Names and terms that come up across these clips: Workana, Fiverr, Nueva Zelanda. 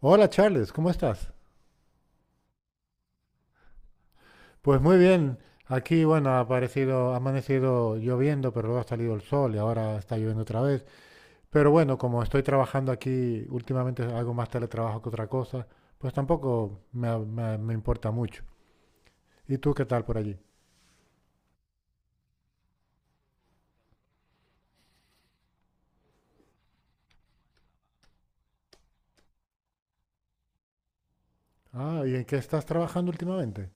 Hola Charles, ¿cómo estás? Pues muy bien, aquí bueno, ha aparecido, ha amanecido lloviendo, pero luego ha salido el sol y ahora está lloviendo otra vez. Pero bueno, como estoy trabajando aquí, últimamente hago más teletrabajo que otra cosa, pues tampoco me, me importa mucho. ¿Y tú qué tal por allí? Ah, ¿y en qué estás trabajando últimamente?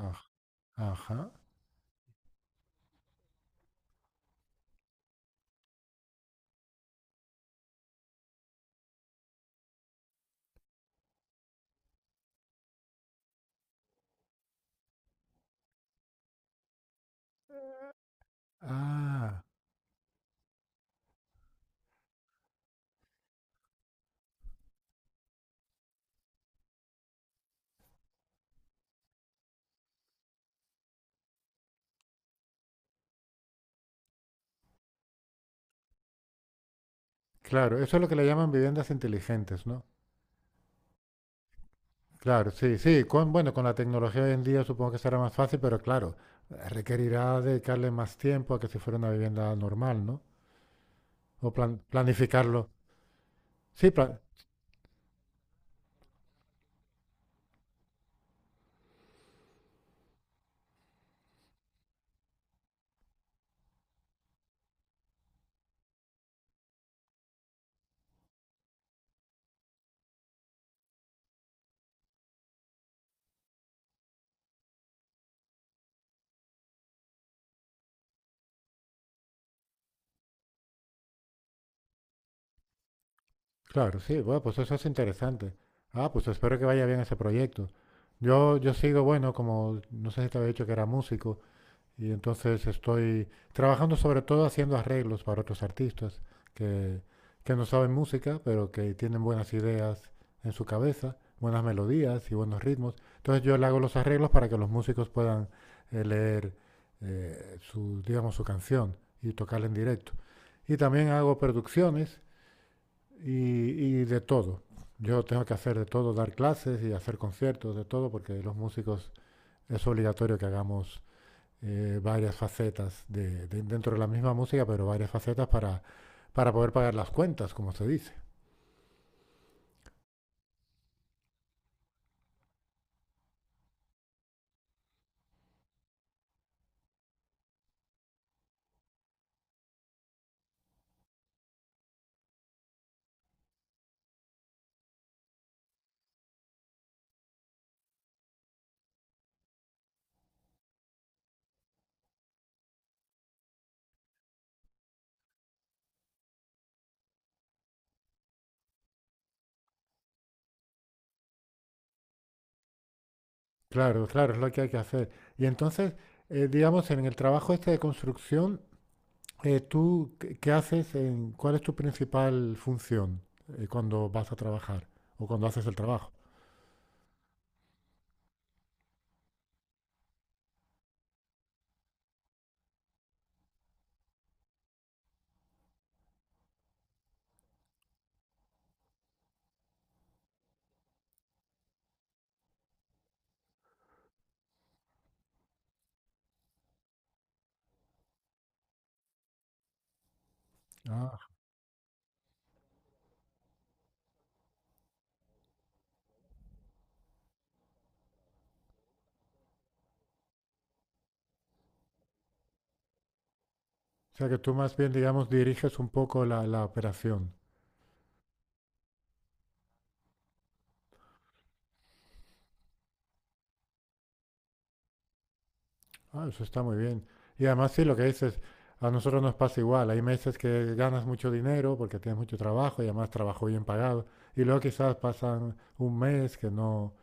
Aj- Ajá. Ah, claro, eso es lo que le llaman viviendas inteligentes, ¿no? Claro, sí, sí. Con, bueno, con la tecnología hoy en día supongo que será más fácil, pero claro, requerirá dedicarle más tiempo a que si fuera una vivienda normal, ¿no? O planificarlo. Sí, claro, sí. Bueno, pues eso es interesante. Ah, pues espero que vaya bien ese proyecto. Yo sigo, bueno, como no sé si te había dicho que era músico. Y entonces estoy trabajando sobre todo haciendo arreglos para otros artistas que, que no saben música, pero que tienen buenas ideas en su cabeza, buenas melodías y buenos ritmos. Entonces yo le hago los arreglos para que los músicos puedan leer su, digamos, su canción y tocarla en directo. Y también hago producciones y de todo. Yo tengo que hacer de todo, dar clases y hacer conciertos, de todo, porque los músicos es obligatorio que hagamos varias facetas de, dentro de la misma música, pero varias facetas para poder pagar las cuentas, como se dice. Claro, claro, es lo que hay que hacer. Y entonces, digamos, en el trabajo este de construcción, ¿tú qué haces? ¿Cuál es tu principal función cuando vas a trabajar o cuando haces el trabajo? Ah, o sea que tú más bien, digamos, diriges un poco la, la operación. Ah, eso está muy bien. Y además sí, lo que dices, a nosotros nos pasa igual. Hay meses que ganas mucho dinero porque tienes mucho trabajo y además trabajo bien pagado. Y luego quizás pasan un mes que no,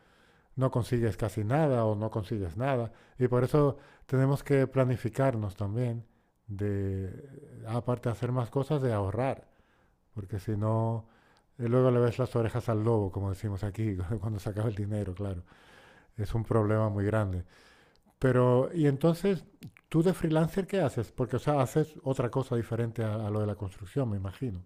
no consigues casi nada o no consigues nada. Y por eso tenemos que planificarnos también de, aparte de hacer más cosas, de ahorrar. Porque si no, luego le ves las orejas al lobo, como decimos aquí, cuando se acaba el dinero, claro. Es un problema muy grande. Pero, y entonces, ¿tú de freelancer qué haces? Porque, o sea, haces otra cosa diferente a lo de la construcción, me imagino.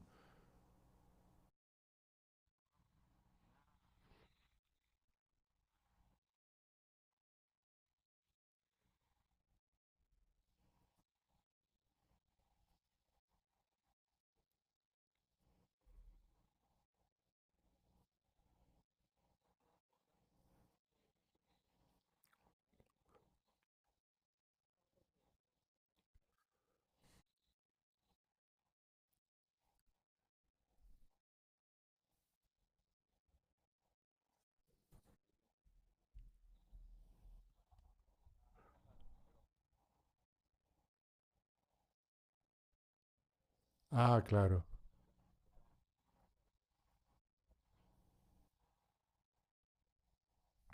Ah, claro,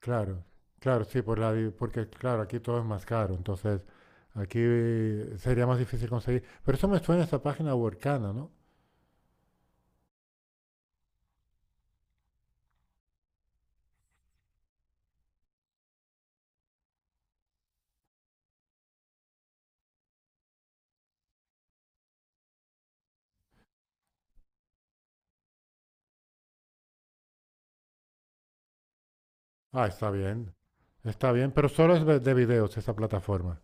claro, claro, sí, por la, porque, claro, aquí todo es más caro, entonces aquí sería más difícil conseguir. Pero eso me suena a esa página Workana, ¿no? Ah, está bien, pero solo es de videos esa plataforma.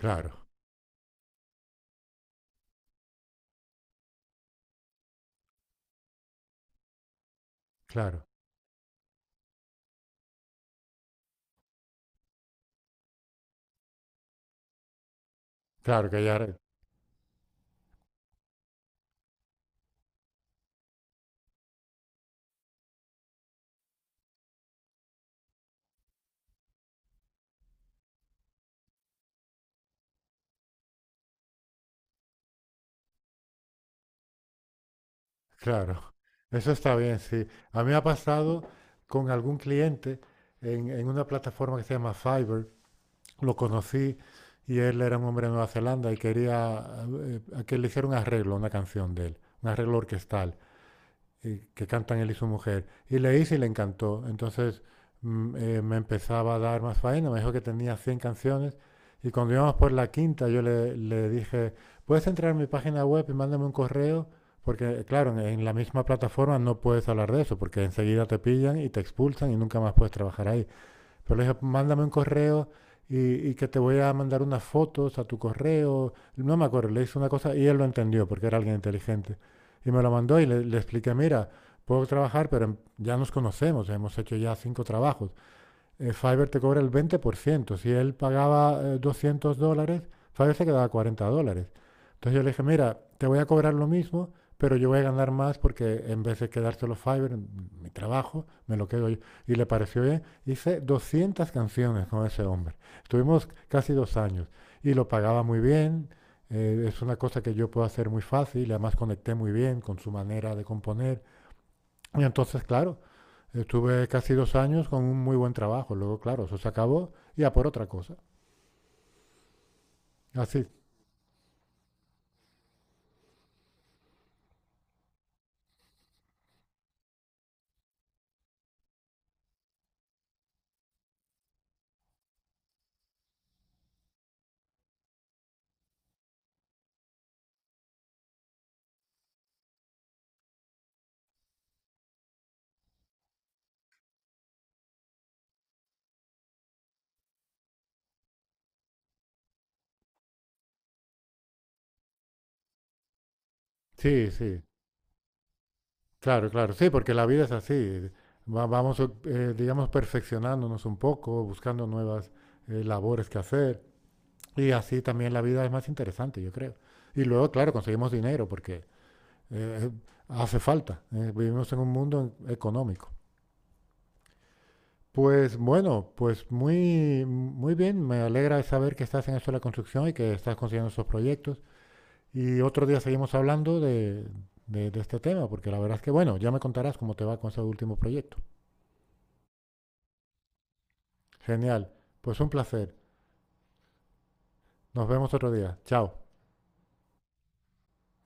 Claro, claro, claro, que ya, claro, eso está bien, sí. A mí me ha pasado con algún cliente en una plataforma que se llama Fiverr. Lo conocí y él era un hombre de Nueva Zelanda y quería a que le hiciera un arreglo, a una canción de él, un arreglo orquestal y que cantan él y su mujer. Y le hice y le encantó. Entonces me empezaba a dar más faena, me dijo que tenía 100 canciones. Y cuando íbamos por la quinta, yo le, le dije, ¿puedes entrar en mi página web y mándame un correo? Porque, claro, en la misma plataforma no puedes hablar de eso, porque enseguida te pillan y te expulsan y nunca más puedes trabajar ahí. Pero le dije, mándame un correo y, y que te voy a mandar unas fotos a tu correo. No me acuerdo, le hice una cosa y él lo entendió porque era alguien inteligente. Y me lo mandó y le expliqué, mira, puedo trabajar, pero ya nos conocemos, hemos hecho ya 5 trabajos. Fiverr te cobra el 20%. Si él pagaba $200, Fiverr se quedaba $40. Entonces yo le dije, mira, te voy a cobrar lo mismo, pero yo voy a ganar más porque en vez de quedárselo Fiverr, mi trabajo, me lo quedo yo. Y le pareció bien. Hice 200 canciones con ese hombre. Estuvimos casi 2 años y lo pagaba muy bien. Es una cosa que yo puedo hacer muy fácil, además conecté muy bien con su manera de componer. Y entonces, claro, estuve casi 2 años con un muy buen trabajo. Luego, claro, eso se acabó y a por otra cosa. Así. Sí, sí. Claro, claro. Sí, porque la vida es así. Vamos, digamos, perfeccionándonos un poco, buscando nuevas labores que hacer. Y así también la vida es más interesante, yo creo. Y luego, claro, conseguimos dinero porque eh, hace falta. Vivimos en un mundo económico. Pues bueno, pues muy, muy bien. Me alegra saber que estás en esto de la construcción y que estás consiguiendo esos proyectos. Y otro día seguimos hablando de, de este tema, porque la verdad es que, bueno, ya me contarás cómo te va con ese último proyecto. Genial. Pues un placer. Nos vemos otro día. Chao.